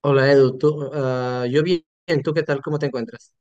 Hola Edu, tú, yo bien, ¿tú qué tal? ¿Cómo te encuentras?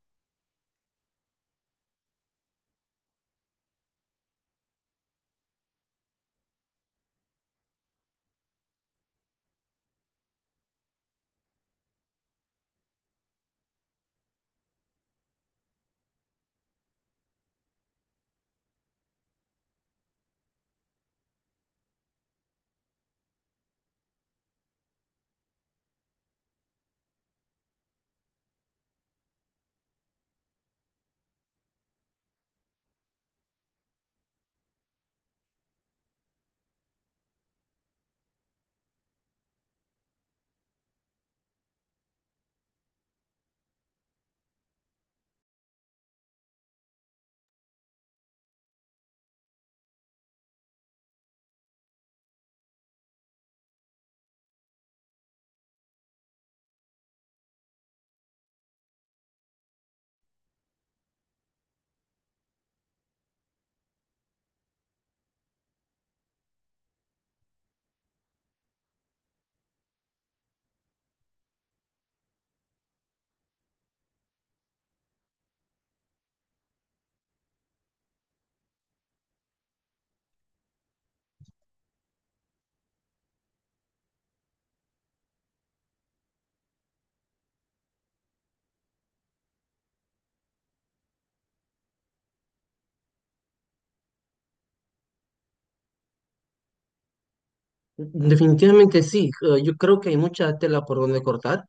Definitivamente sí, yo creo que hay mucha tela por donde cortar,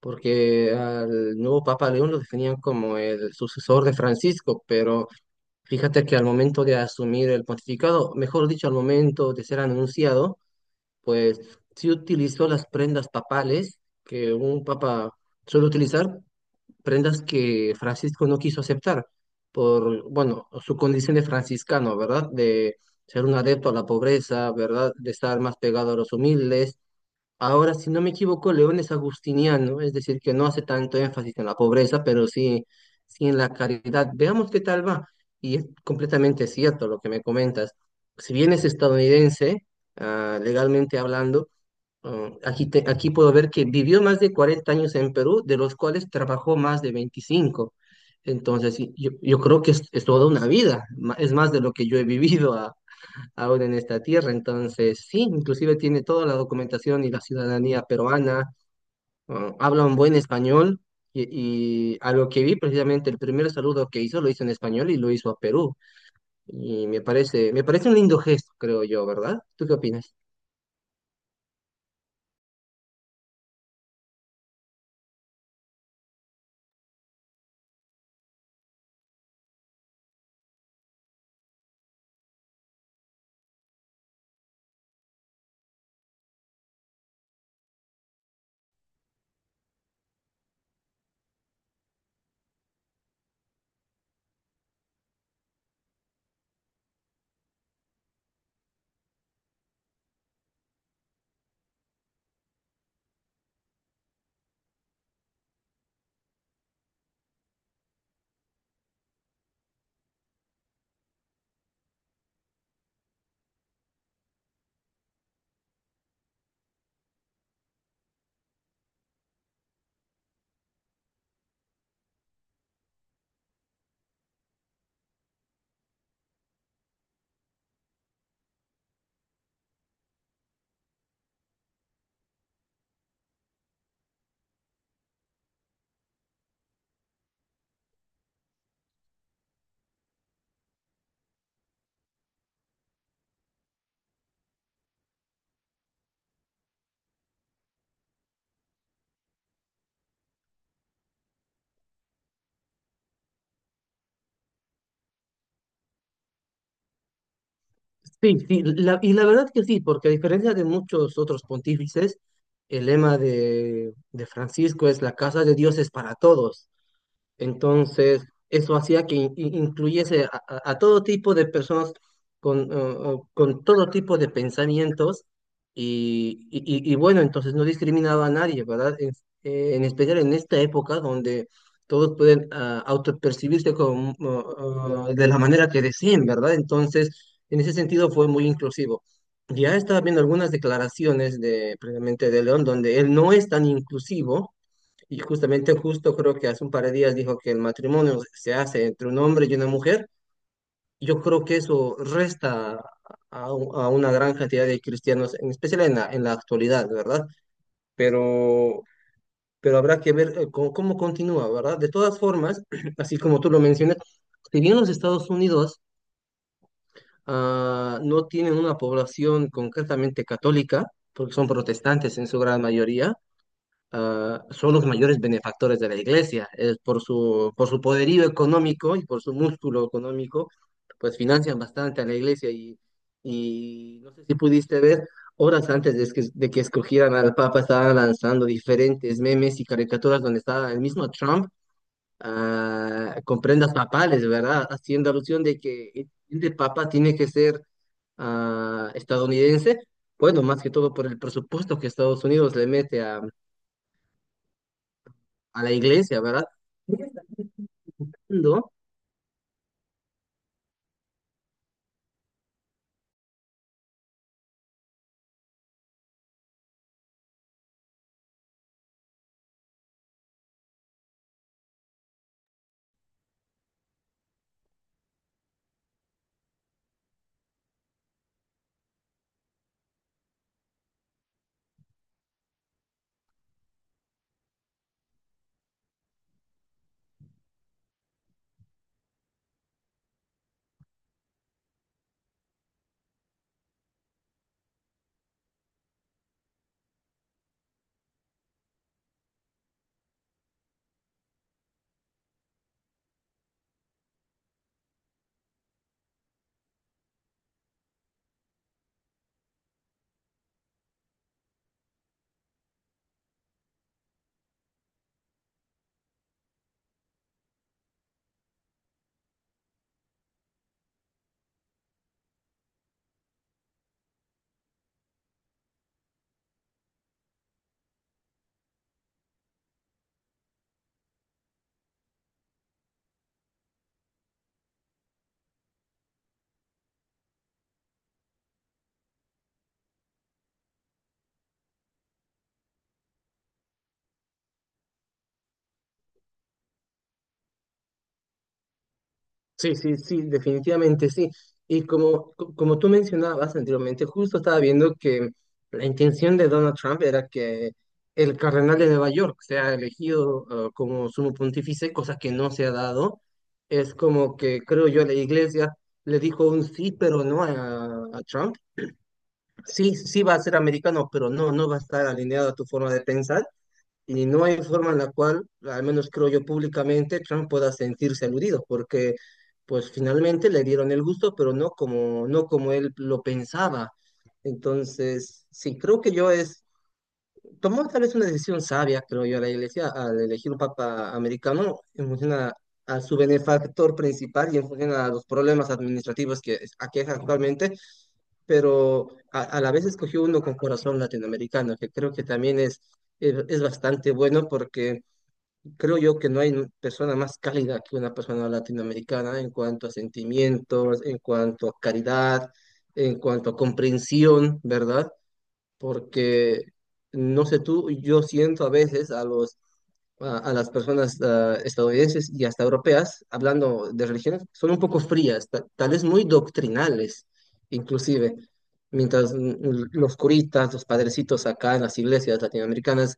porque al nuevo Papa León lo definían como el sucesor de Francisco, pero fíjate que al momento de asumir el pontificado, mejor dicho, al momento de ser anunciado, pues sí utilizó las prendas papales que un papa suele utilizar, prendas que Francisco no quiso aceptar por, bueno, su condición de franciscano, ¿verdad? De ser un adepto a la pobreza, ¿verdad? De estar más pegado a los humildes. Ahora, si no me equivoco, León es agustiniano, es decir, que no hace tanto énfasis en la pobreza, pero sí, sí en la caridad. Veamos qué tal va. Y es completamente cierto lo que me comentas. Si bien es estadounidense, legalmente hablando, aquí, aquí puedo ver que vivió más de 40 años en Perú, de los cuales trabajó más de 25. Entonces, sí, yo creo que es toda una vida, es más de lo que yo he vivido ahora en esta tierra. Entonces, sí, inclusive tiene toda la documentación y la ciudadanía peruana, habla un buen español y a lo que vi precisamente el primer saludo que hizo lo hizo en español y lo hizo a Perú. Y me parece un lindo gesto, creo yo, ¿verdad? ¿Tú qué opinas? Sí, sí, y la verdad que sí, porque a diferencia de muchos otros pontífices, el lema de Francisco es la casa de Dios es para todos. Entonces, eso hacía que incluyese a todo tipo de personas con todo tipo de pensamientos y, y- y bueno, entonces no discriminaba a nadie, ¿verdad? En especial en esta época donde todos pueden autopercibirse como, de la manera que deseen, ¿verdad? Entonces, en ese sentido fue muy inclusivo. Ya estaba viendo algunas declaraciones de, precisamente de León, donde él no es tan inclusivo y justamente justo creo que hace un par de días dijo que el matrimonio se hace entre un hombre y una mujer. Yo creo que eso resta a una gran cantidad de cristianos, en especial en en la actualidad, ¿verdad? Pero, pero habrá que ver cómo, cómo continúa, ¿verdad? De todas formas, así como tú lo mencionas, si bien los Estados Unidos no tienen una población concretamente católica, porque son protestantes en su gran mayoría, son los mayores benefactores de la iglesia. Es por su poderío económico y por su músculo económico, pues financian bastante a la iglesia y no sé si pudiste ver, horas antes de de que escogieran al Papa estaban lanzando diferentes memes y caricaturas donde estaba el mismo Trump con prendas papales, ¿verdad? Haciendo alusión de que el Papa tiene que ser estadounidense. Bueno, más que todo por el presupuesto que Estados Unidos le mete a la iglesia, ¿verdad? Voy a estar disfrutando. Sí, sí, sí, definitivamente sí. Y como, como tú mencionabas anteriormente, justo estaba viendo que la intención de Donald Trump era que el cardenal de Nueva York sea elegido como sumo pontífice, cosa que no se ha dado. Es como que, creo yo, la iglesia le dijo un sí, pero no a Trump. Sí, sí va a ser americano, pero no, no va a estar alineado a tu forma de pensar. Y no hay forma en la cual, al menos creo yo públicamente, Trump pueda sentirse aludido, porque pues finalmente le dieron el gusto, pero no como, no como él lo pensaba. Entonces, sí, creo que yo es, tomó tal vez una decisión sabia, creo yo, la iglesia, al elegir un papa americano en función a su benefactor principal y en función a los problemas administrativos que aquejan actualmente, pero a la vez escogió uno con corazón latinoamericano, que creo que también es, es bastante bueno porque creo yo que no hay persona más cálida que una persona latinoamericana en cuanto a sentimientos, en cuanto a caridad, en cuanto a comprensión, ¿verdad? Porque, no sé tú, yo siento a veces a los a las personas estadounidenses y hasta europeas, hablando de religiones, son un poco frías, tal vez muy doctrinales, inclusive. Mientras los curitas, los padrecitos acá en las iglesias latinoamericanas,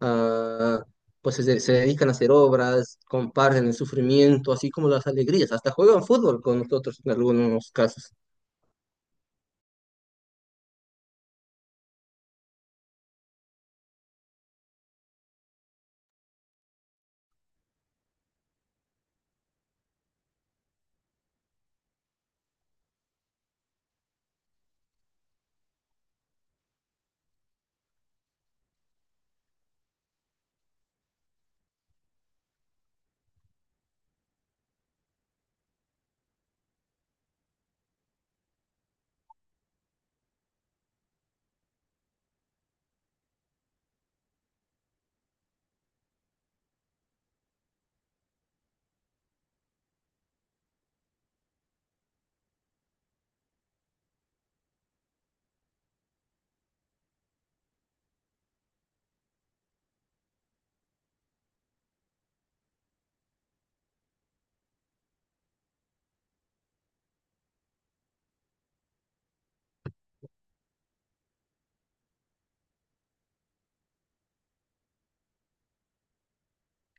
ah, pues se dedican a hacer obras, comparten el sufrimiento, así como las alegrías, hasta juegan fútbol con nosotros en algunos casos.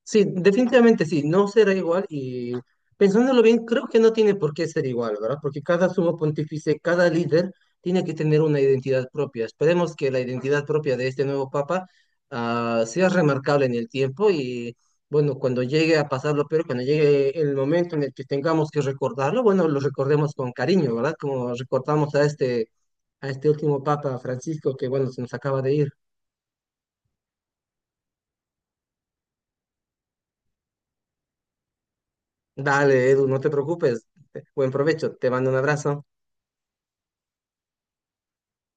Sí, definitivamente sí, no será igual y pensándolo bien, creo que no tiene por qué ser igual, ¿verdad? Porque cada sumo pontífice, cada líder tiene que tener una identidad propia. Esperemos que la identidad propia de este nuevo papa sea remarcable en el tiempo y bueno, cuando llegue a pasarlo, pero cuando llegue el momento en el que tengamos que recordarlo, bueno, lo recordemos con cariño, ¿verdad? Como recordamos a este último papa Francisco que bueno, se nos acaba de ir. Dale, Edu, no te preocupes. Buen provecho, te mando un abrazo.